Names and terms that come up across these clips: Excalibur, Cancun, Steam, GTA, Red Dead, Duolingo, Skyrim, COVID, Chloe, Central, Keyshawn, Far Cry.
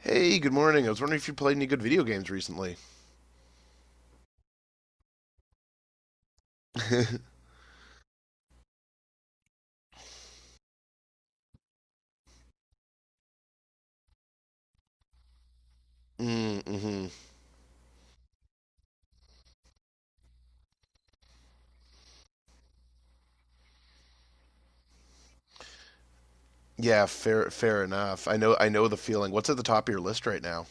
Hey, good morning. I was wondering if you played any good video games recently. Mm-hmm. Yeah, fair enough. I know the feeling. What's at the top of your list right now?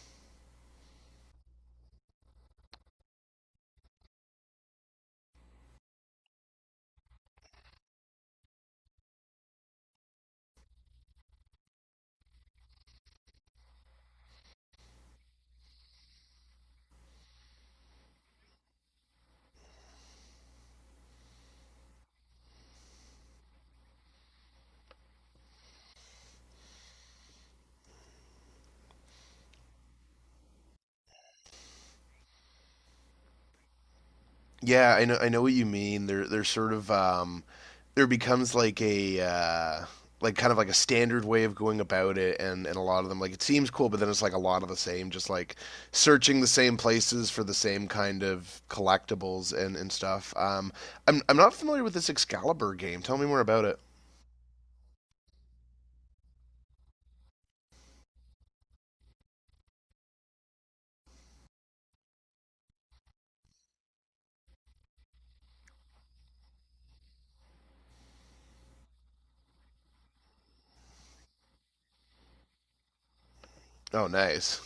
Yeah, I know what you mean. There's sort of, there becomes like a, like kind of like a standard way of going about it, and a lot of them, like it seems cool, but then it's like a lot of the same, just like searching the same places for the same kind of collectibles and stuff. I'm not familiar with this Excalibur game. Tell me more about it. Oh, nice.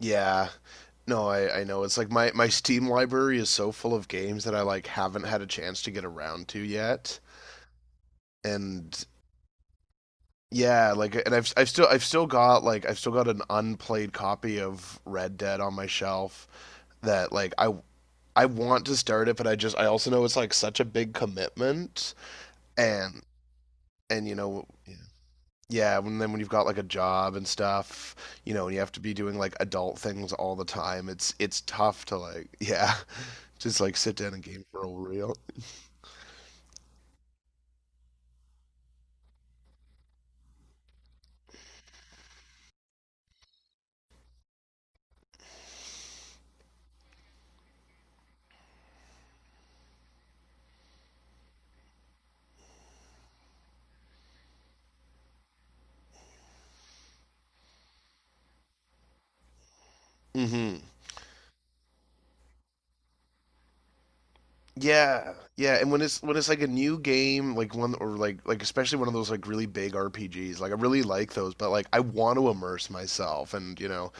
Yeah. No, I know. It's like my Steam library is so full of games that I like haven't had a chance to get around to yet. And yeah, like and I've still got like I've still got an unplayed copy of Red Dead on my shelf that like I want to start it, but I just I also know it's like such a big commitment and and you know yeah, when then when you've got like a job and stuff, you know, and you have to be doing like adult things all the time, it's tough to like yeah, just like sit down and game for a real. Hmm. Yeah, yeah. And when it's like a new game, like one or like especially one of those like really big RPGs, like I really like those, but like I want to immerse myself, and you know,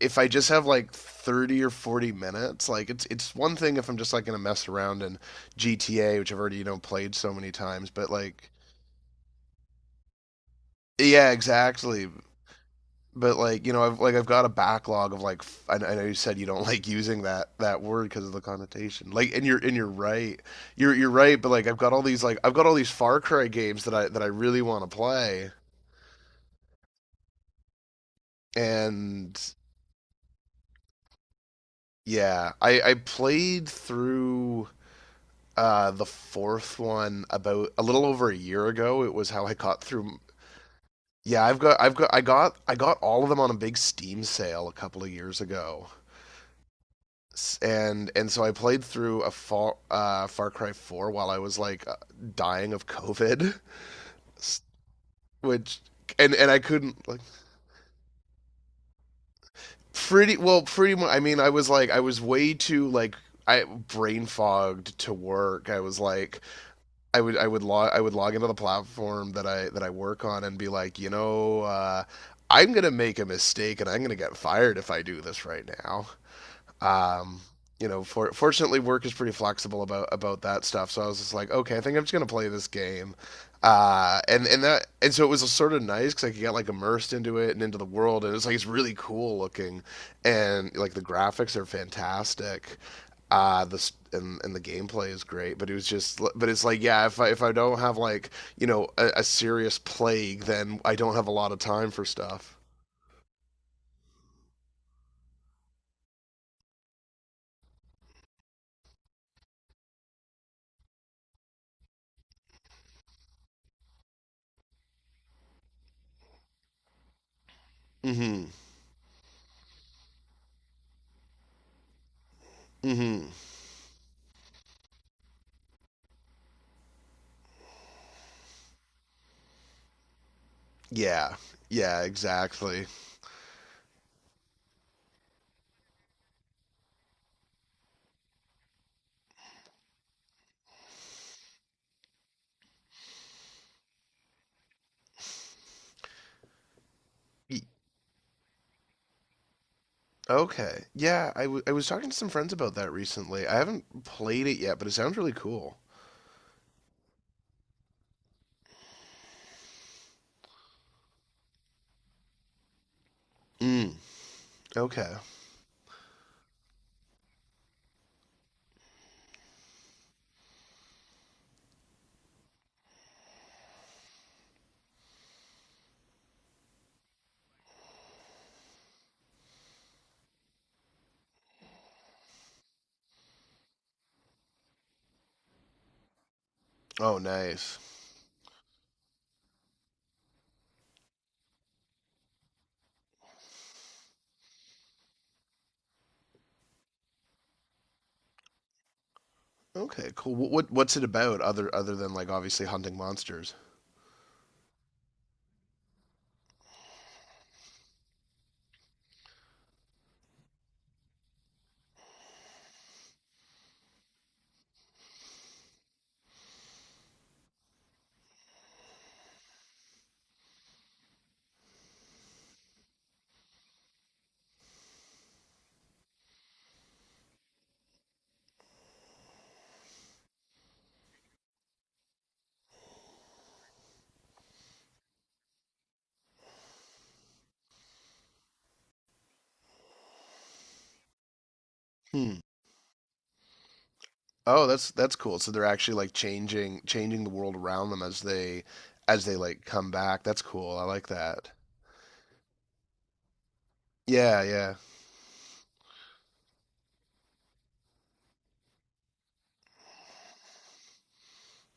if I just have like 30 or 40 minutes, like it's one thing if I'm just like gonna mess around in GTA, which I've already you know played so many times, but like. Yeah, exactly. But like you know I've got a backlog of like I know you said you don't like using that word because of the connotation like and you're right. You're right, but like I've got all these like I've got all these Far Cry games that I really want to play. And yeah, I played through the fourth one about a little over a year ago. It was how I got through. Yeah, I got all of them on a big Steam sale a couple of years ago, and so I played through a Far Cry Four while I was like dying of COVID, which and I couldn't like pretty well pretty much. I mean, I was like I was way too like I brain fogged to work. I was like I would log into the platform that I work on and be like you know. I'm gonna make a mistake and I'm gonna get fired if I do this right now. Um, you know, fortunately, work is pretty flexible about that stuff. So I was just like, okay, I think I'm just gonna play this game. And so it was sort of nice because I could get like immersed into it and into the world, and it's like it's really cool looking, and like the graphics are fantastic. This and the gameplay is great, but it was just but it's like yeah, if I don't have like you know a serious plague, then I don't have a lot of time for stuff. Mm-hmm. Mm-hmm. Yeah. Yeah. Exactly. Y- Okay. Yeah, I was talking to some friends about that recently. I haven't played it yet, but it sounds really cool. Mm, okay. Oh, nice. Okay, cool. What what's it about other than like obviously hunting monsters? Hmm. Oh, that's cool. So they're actually like changing the world around them as they like come back. That's cool. I like that. Yeah, yeah.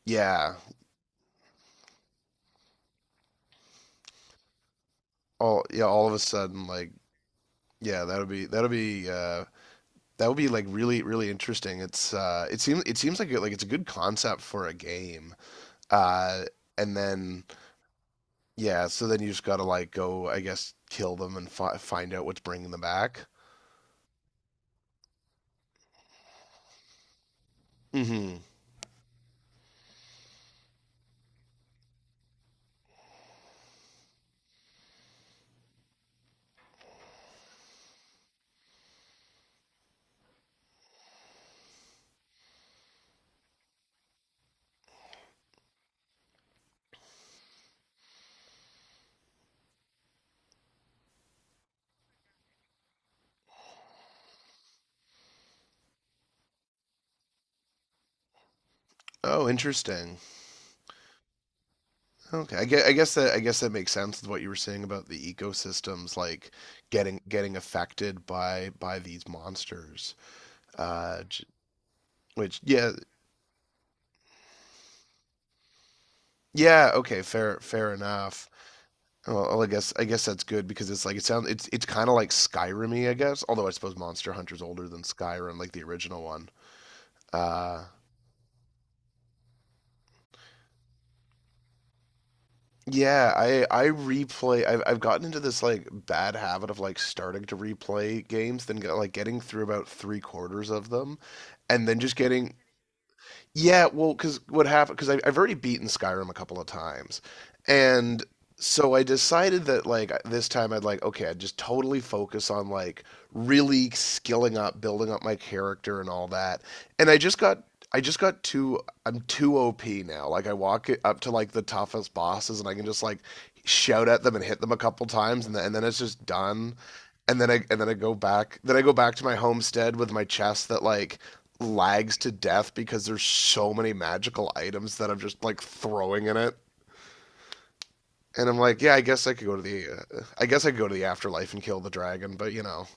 Yeah. All yeah, all of a sudden like yeah, that'll be that would be like really interesting. It's it seems like it, like it's a good concept for a game. Uh and then yeah, so then you just got to like go I guess kill them and find out what's bringing them back. Mhm. Oh, interesting. Okay. I guess that makes sense with what you were saying about the ecosystems like getting affected by these monsters. Uh j- which yeah, yeah, okay, fair enough. Well, I guess that's good because it's like it sounds it's kind of like Skyrim-y, I guess. Although I suppose Monster Hunter's older than Skyrim, like the original one. Uh, yeah, I replay. I've gotten into this like bad habit of like starting to replay games, then like getting through about three-quarters of them, and then just getting. Yeah, well, because what happened? Because I've already beaten Skyrim a couple of times, and so I decided that like this time I'd like okay, I'd just totally focus on like really skilling up, building up my character and all that. And I just got too I'm too OP now. Like I walk it up to like the toughest bosses and I can just like shout at them and hit them a couple times and then it's just done. And then I go back, then I go back to my homestead with my chest that like lags to death because there's so many magical items that I'm just like throwing in it. And I'm like, yeah, I guess I could go to I guess I could go to the afterlife and kill the dragon, but you know,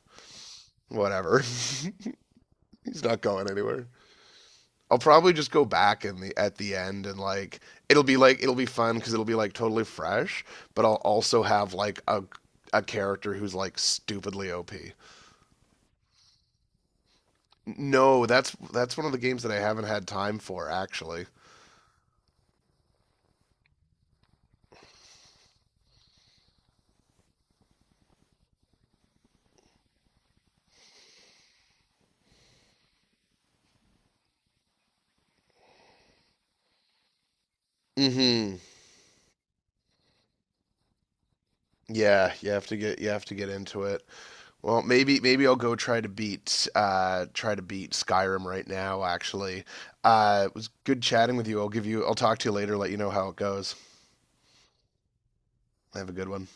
whatever. He's not going anywhere. I'll probably just go back in the at the end and like it'll be fun because it'll be like totally fresh, but I'll also have like a character who's like stupidly OP. No, that's one of the games that I haven't had time for actually. Mhm. Yeah, you have to get into it. Well, maybe I'll go try to beat Skyrim right now. Actually, it was good chatting with you. I'll give you. I'll talk to you later. Let you know how it goes. Have a good one.